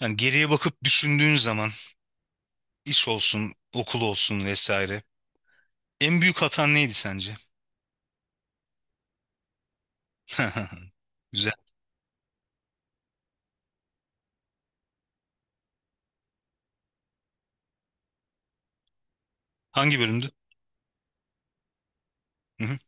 Yani geriye bakıp düşündüğün zaman iş olsun, okul olsun vesaire. En büyük hatan neydi sence? Güzel. Hangi bölümdü? Hı hı.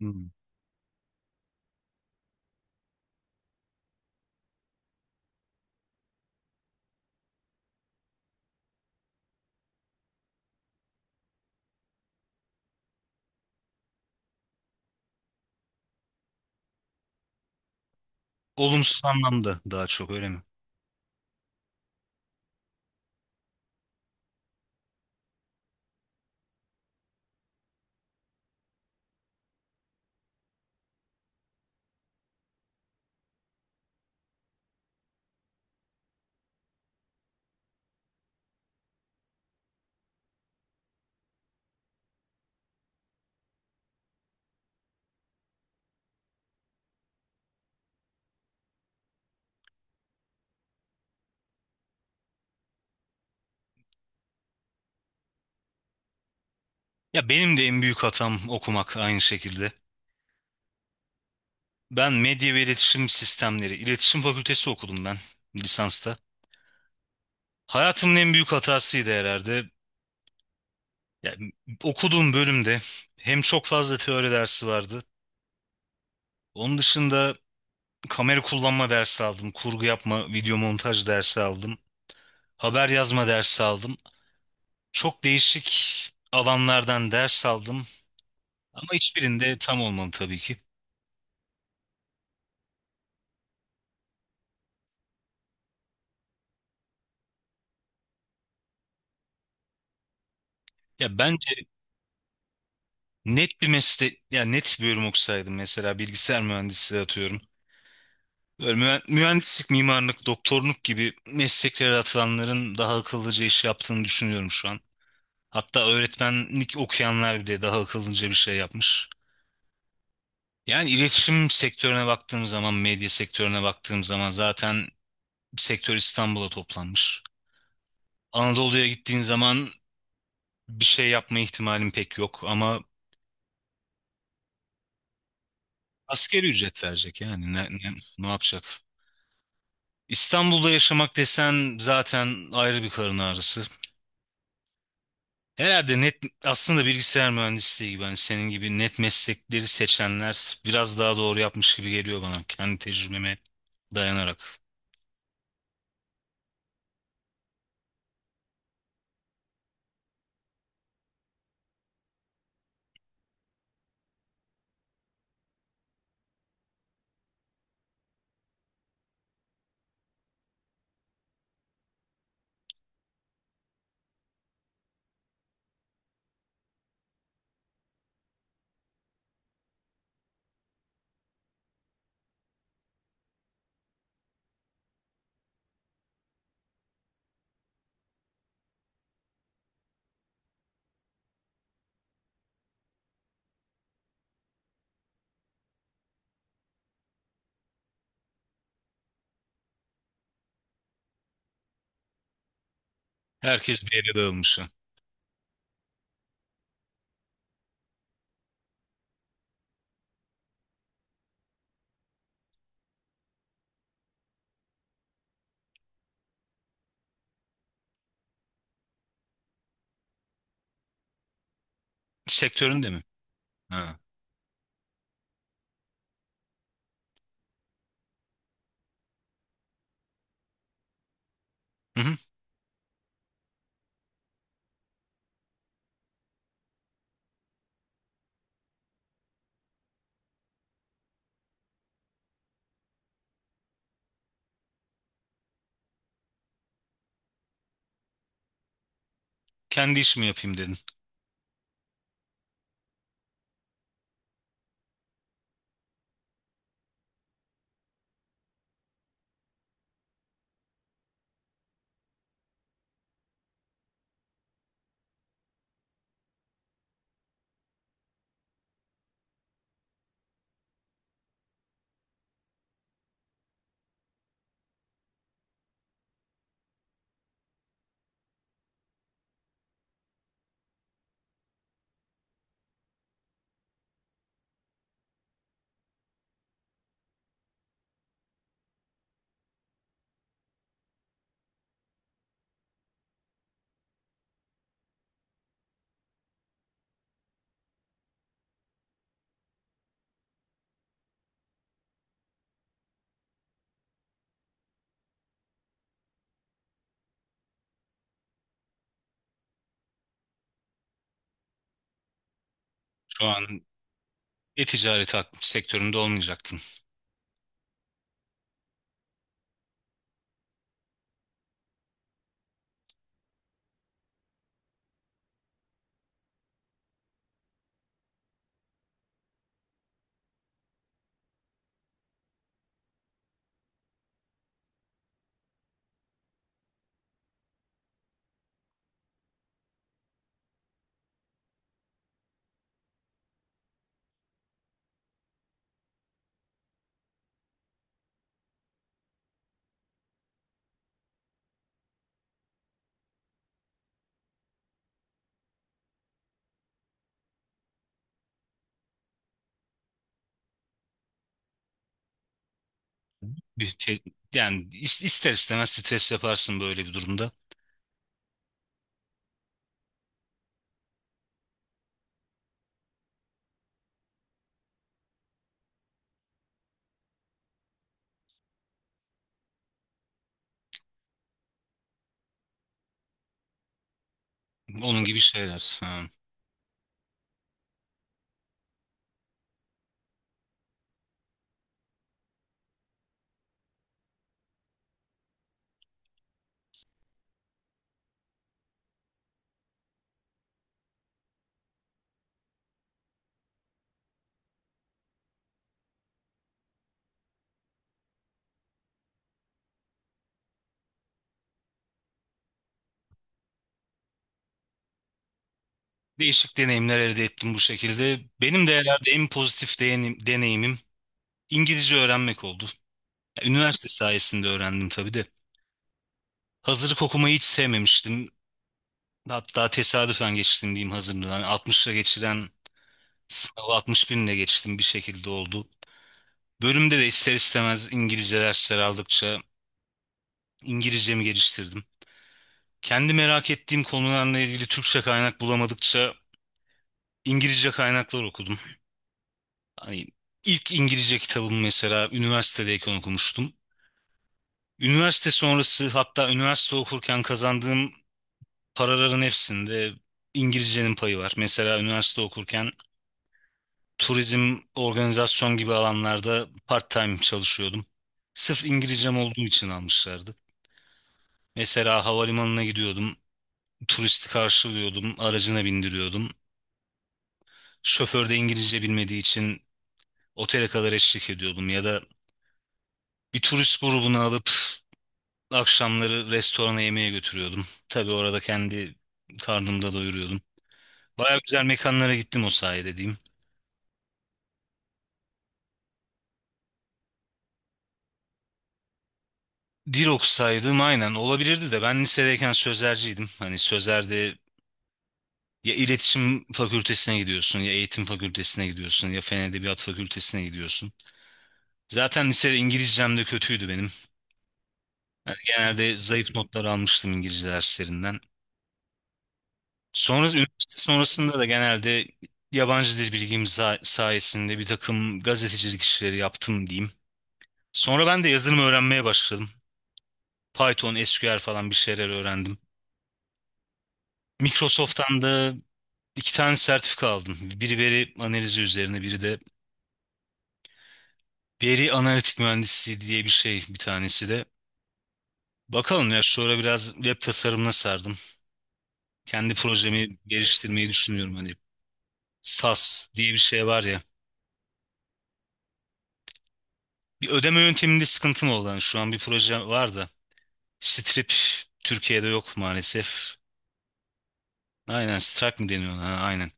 Hmm. Olumsuz anlamda daha çok öyle mi? Ya benim de en büyük hatam okumak aynı şekilde. Ben medya ve iletişim sistemleri, iletişim fakültesi okudum ben lisansta. Hayatımın en büyük hatasıydı herhalde. Yani okuduğum bölümde hem çok fazla teori dersi vardı. Onun dışında kamera kullanma dersi aldım. Kurgu yapma, video montaj dersi aldım. Haber yazma dersi aldım. Çok değişik alanlardan ders aldım. Ama hiçbirinde tam olmadı tabii ki. Ya bence net bir meslek, ya net bir bölüm okusaydım mesela bilgisayar mühendisliği atıyorum. Böyle mühendislik, mimarlık, doktorluk gibi mesleklere atılanların daha akıllıca iş yaptığını düşünüyorum şu an. Hatta öğretmenlik okuyanlar bile daha akıllıca bir şey yapmış. Yani iletişim sektörüne baktığım zaman, medya sektörüne baktığım zaman zaten sektör İstanbul'a toplanmış. Anadolu'ya gittiğin zaman bir şey yapma ihtimalin pek yok ama asgari ücret verecek yani ne yapacak? İstanbul'da yaşamak desen zaten ayrı bir karın ağrısı. Herhalde net aslında bilgisayar mühendisliği gibi hani senin gibi net meslekleri seçenler biraz daha doğru yapmış gibi geliyor bana kendi tecrübeme dayanarak. Herkes bir yere dağılmış. Sektörün de mi? Ha. Kendi işimi yapayım dedin. Şu an e-ticareti sektöründe olmayacaktın. Bir şey, yani ister istemez stres yaparsın böyle bir durumda. Onun gibi şeyler. Ha. Değişik deneyimler elde ettim bu şekilde. Benim de herhalde en pozitif deneyimim İngilizce öğrenmek oldu. Üniversite sayesinde öğrendim tabii de. Hazırlık okumayı hiç sevmemiştim. Hatta tesadüfen geçtim diyeyim hazırlığı. Yani 60'la geçiren sınavı 60 binle geçtim bir şekilde oldu. Bölümde de ister istemez İngilizce dersler aldıkça İngilizcemi geliştirdim. Kendi merak ettiğim konularla ilgili Türkçe kaynak bulamadıkça İngilizce kaynaklar okudum. Hani ilk İngilizce kitabımı mesela üniversitedeyken okumuştum. Üniversite sonrası hatta üniversite okurken kazandığım paraların hepsinde İngilizcenin payı var. Mesela üniversite okurken turizm, organizasyon gibi alanlarda part-time çalışıyordum. Sırf İngilizcem olduğu için almışlardı. Mesela havalimanına gidiyordum, turisti karşılıyordum, aracına bindiriyordum. Şoför de İngilizce bilmediği için otele kadar eşlik ediyordum ya da bir turist grubunu alıp akşamları restorana yemeğe götürüyordum. Tabii orada kendi karnımda doyuruyordum. Baya güzel mekanlara gittim o sayede diyeyim. Dil okusaydım aynen olabilirdi de ben lisedeyken sözelciydim. Hani sözelde ya iletişim fakültesine gidiyorsun ya eğitim fakültesine gidiyorsun ya fen edebiyat fakültesine gidiyorsun. Zaten lisede İngilizcem de kötüydü benim. Yani genelde zayıf notlar almıştım İngilizce derslerinden. Sonra üniversite sonrasında da genelde yabancı dil bilgim sayesinde bir takım gazetecilik işleri yaptım diyeyim. Sonra ben de yazılım öğrenmeye başladım. Python, SQL falan bir şeyler öğrendim. Microsoft'tan da iki tane sertifika aldım. Biri veri analizi üzerine, biri de veri analitik mühendisliği diye bir şey bir tanesi de. Bakalım ya şu ara biraz web tasarımına sardım. Kendi projemi geliştirmeyi düşünüyorum hani. SAS diye bir şey var ya. Bir ödeme yönteminde sıkıntım oldu. Yani şu an bir proje var da. Strip Türkiye'de yok maalesef. Aynen, strike mi deniyor ona? Ha, aynen.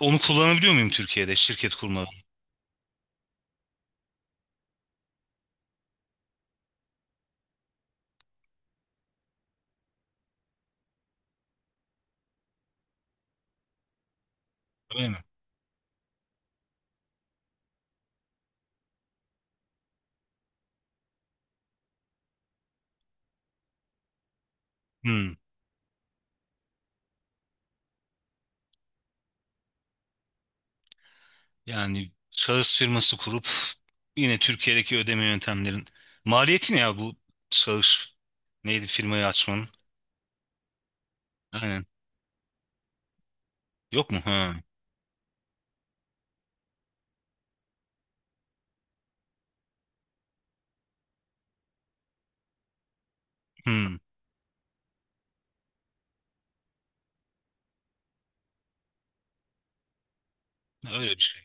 Onu kullanabiliyor muyum Türkiye'de şirket kurmadan? Öyle mi? Hmm. Yani şahıs firması kurup yine Türkiye'deki ödeme yöntemlerin maliyeti ne ya bu şahıs neydi firmayı açmanın? Aynen. Yok mu? Ha. Hmm. Öyle bir şey.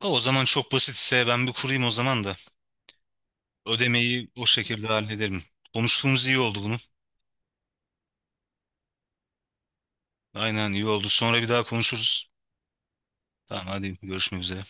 O zaman çok basitse ben bir kurayım o zaman da ödemeyi o şekilde hallederim. Konuştuğumuz iyi oldu bunu. Aynen, iyi oldu. Sonra bir daha konuşuruz. Tamam hadi görüşmek üzere.